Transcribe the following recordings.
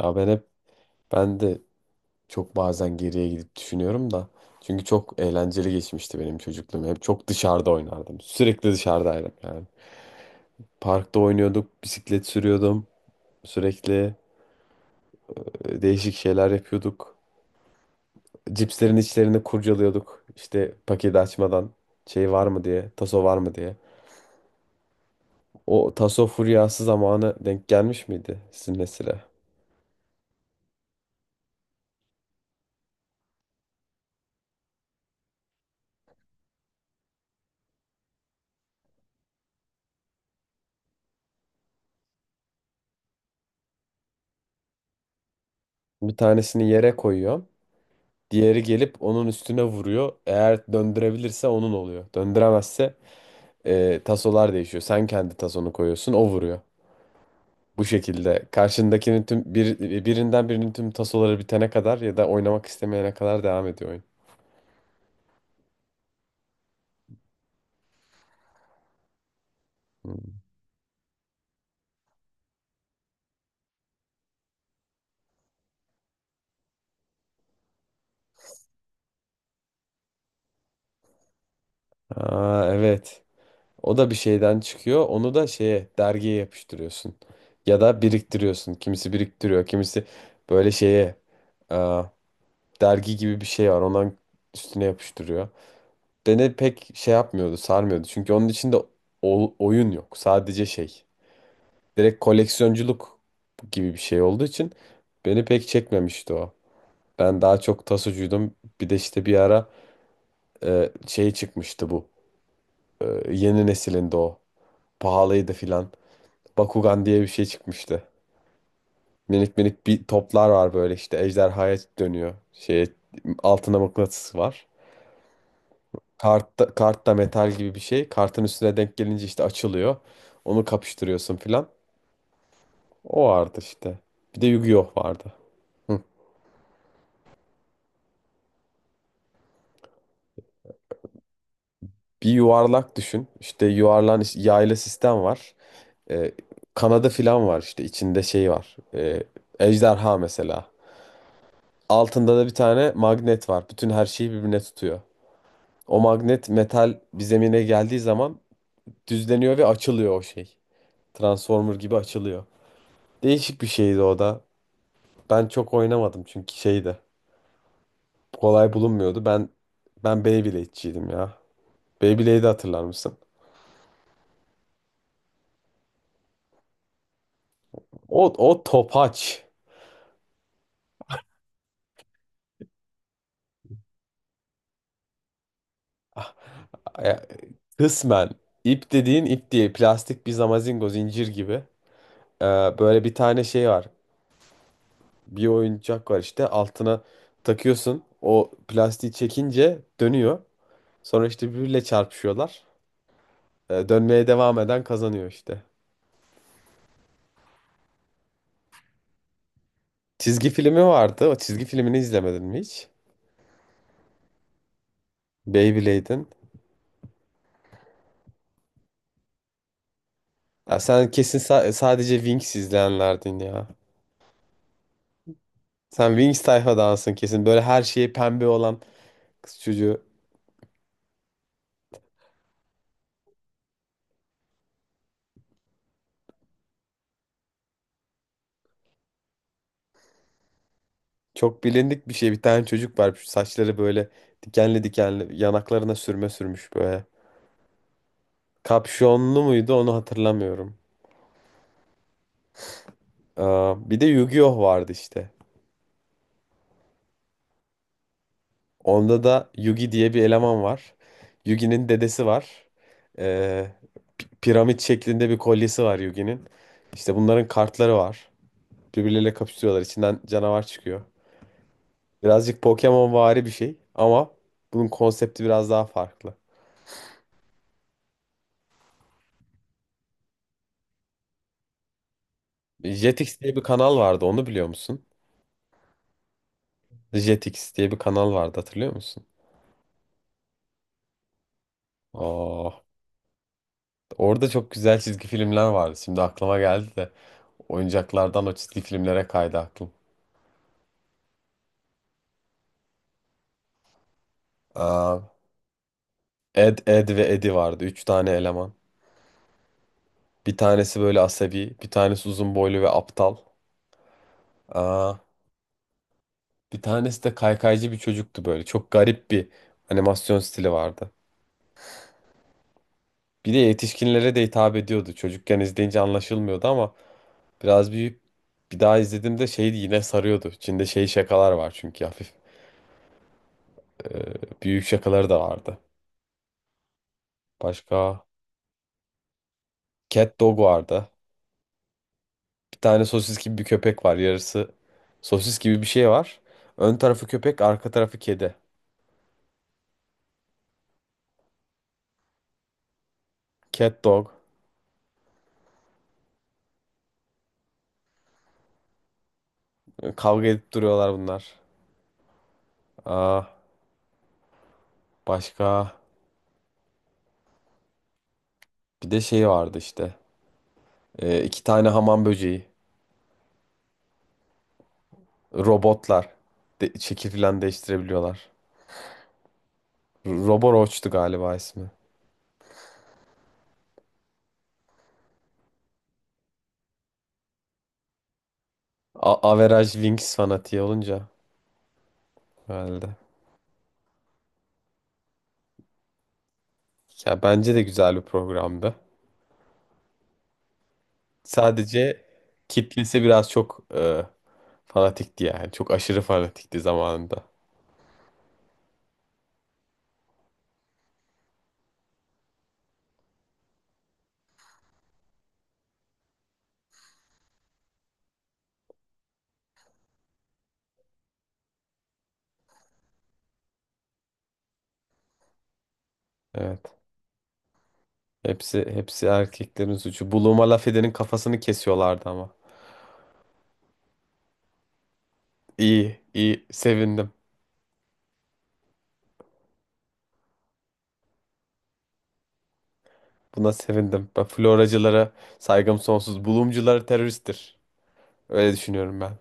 Ya ben de çok bazen geriye gidip düşünüyorum da. Çünkü çok eğlenceli geçmişti benim çocukluğum. Hep çok dışarıda oynardım. Sürekli dışarıdaydım yani. Parkta oynuyorduk, bisiklet sürüyordum. Sürekli değişik şeyler yapıyorduk. Cipslerin içlerini kurcalıyorduk. İşte paketi açmadan şey var mı diye, taso var mı diye. O taso furyası zamanı denk gelmiş miydi sizin nesile? Bir tanesini yere koyuyor. Diğeri gelip onun üstüne vuruyor. Eğer döndürebilirse onun oluyor. Döndüremezse tasolar değişiyor. Sen kendi tasonu koyuyorsun, o vuruyor. Bu şekilde karşındakinin tüm bir, birinden birinin tüm tasoları bitene kadar ya da oynamak istemeyene kadar devam ediyor oyun. Hmm. Aa, evet. O da bir şeyden çıkıyor. Onu da şeye dergiye yapıştırıyorsun. Ya da biriktiriyorsun. Kimisi biriktiriyor, kimisi böyle şeye aa, dergi gibi bir şey var. Ondan üstüne yapıştırıyor. Beni pek şey yapmıyordu, sarmıyordu. Çünkü onun içinde oyun yok. Sadece şey. Direkt koleksiyonculuk gibi bir şey olduğu için beni pek çekmemişti o. Ben daha çok tasocuydum. Bir de işte bir ara şey çıkmıştı bu. E, Yeni nesilinde o. Pahalıydı filan. Bakugan diye bir şey çıkmıştı. Minik minik bir toplar var böyle işte. Ejderhaya dönüyor. Şey altına mıknatıs var. Kart da, kart da metal gibi bir şey. Kartın üstüne denk gelince işte açılıyor. Onu kapıştırıyorsun filan. O vardı işte. Bir de Yu-Gi-Oh vardı. Hı. Bir yuvarlak düşün. İşte yuvarlan yaylı sistem var. Ee, kanadı filan var işte. İçinde şey var. Ejderha mesela. Altında da bir tane magnet var. Bütün her şeyi birbirine tutuyor. O magnet metal bir zemine geldiği zaman düzleniyor ve açılıyor o şey. Transformer gibi açılıyor. Değişik bir şeydi o da. Ben çok oynamadım çünkü şeydi. Kolay bulunmuyordu. Ben Beyblade'ciydim ya. Beyblade'i hatırlar mısın? O topaç. Ah, ya, kısmen ip dediğin ip diye plastik bir zamazingo zincir gibi. Ee, böyle bir tane şey var. Bir oyuncak var işte altına takıyorsun. O plastiği çekince dönüyor. Sonra işte birbiriyle çarpışıyorlar. Dönmeye devam eden kazanıyor işte. Çizgi filmi vardı. O çizgi filmini izlemedin mi hiç? Beyblade'in. Ya sen kesin sadece Wings izleyenlerdin ya. Sen Wings tayfadansın kesin. Böyle her şeyi pembe olan kız çocuğu. Çok bilindik bir şey. Bir tane çocuk var. Şu saçları böyle dikenli dikenli. Yanaklarına sürme sürmüş böyle. Kapşonlu muydu onu hatırlamıyorum. Aa, bir de Yu-Gi-Oh vardı işte. Onda da Yugi diye bir eleman var. Yugi'nin dedesi var. Ee, piramit şeklinde bir kolyesi var Yugi'nin. İşte bunların kartları var. Birbirleriyle kapışıyorlar. İçinden canavar çıkıyor. Birazcık Pokemon vari bir şey ama bunun konsepti biraz daha farklı. Jetix diye bir kanal vardı onu biliyor musun? Jetix diye bir kanal vardı hatırlıyor musun? Aa, orada çok güzel çizgi filmler vardı. Şimdi aklıma geldi de oyuncaklardan o çizgi filmlere kaydı aklım. Aa, Ed ve Eddie vardı. Üç tane eleman. Bir tanesi böyle asabi, bir tanesi uzun boylu ve aptal. Aa, bir tanesi de kaykaycı bir çocuktu böyle. Çok garip bir animasyon stili vardı. Bir de yetişkinlere de hitap ediyordu. Çocukken izleyince anlaşılmıyordu ama biraz büyüyüp bir daha izlediğimde şeydi yine sarıyordu. İçinde şey şakalar var çünkü hafif e, büyük şakaları da vardı. Başka Cat Dog vardı. Bir tane sosis gibi bir köpek var. Yarısı sosis gibi bir şey var. Ön tarafı köpek, arka tarafı kedi. Cat Dog. E, kavga edip duruyorlar bunlar. Aa, başka bir de şey vardı işte. E, iki tane hamam böceği. Robotlar. De, şekil falan değiştirebiliyorlar. Roboroach'tu galiba ismi. A Average Wings fanatiği olunca herhalde. Ya bence de güzel bir programdı. Sadece kitlesi biraz çok fanatikti yani. Çok aşırı fanatikti zamanında. Evet. Hepsi erkeklerin suçu. Buluma laf edenin kafasını kesiyorlardı ama. İyi, iyi. Sevindim. Buna sevindim. Ben floracılara saygım sonsuz. Bulumcular teröristtir. Öyle düşünüyorum ben.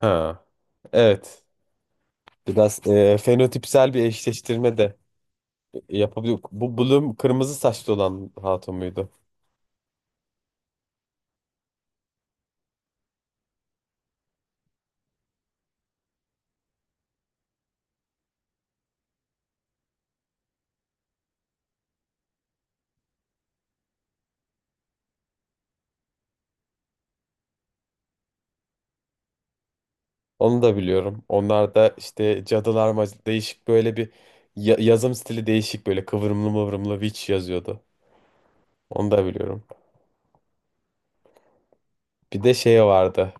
Ha. Evet. Biraz fenotipsel bir eşleştirme de yapabiliyor. Bu Bloom kırmızı saçlı olan hatun muydu? Onu da biliyorum. Onlar da işte cadılar değişik böyle bir yazım stili değişik böyle kıvrımlı mıvrımlı witch yazıyordu. Onu da biliyorum. Bir de şey vardı.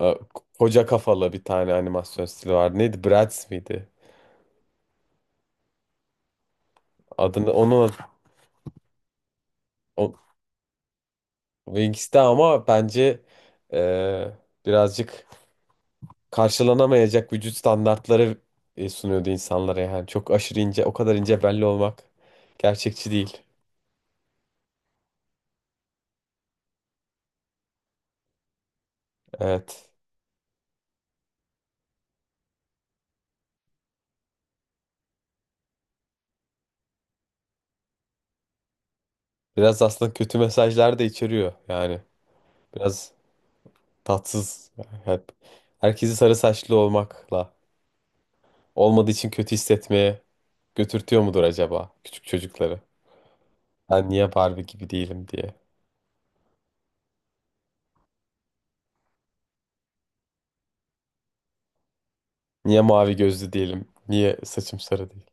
e, Koca kafalı bir tane animasyon stili vardı. Neydi? Bratz miydi? Adını onun o, Wings'te ama bence e, birazcık karşılanamayacak vücut standartları sunuyordu insanlara yani. Çok aşırı ince, o kadar ince belli olmak gerçekçi değil. Evet. Biraz aslında kötü mesajlar da içeriyor yani. Biraz tatsız. Hep herkesi sarı saçlı olmakla olmadığı için kötü hissetmeye götürtüyor mudur acaba küçük çocukları? Ben niye Barbie gibi değilim diye. Niye mavi gözlü değilim? Niye saçım sarı değil?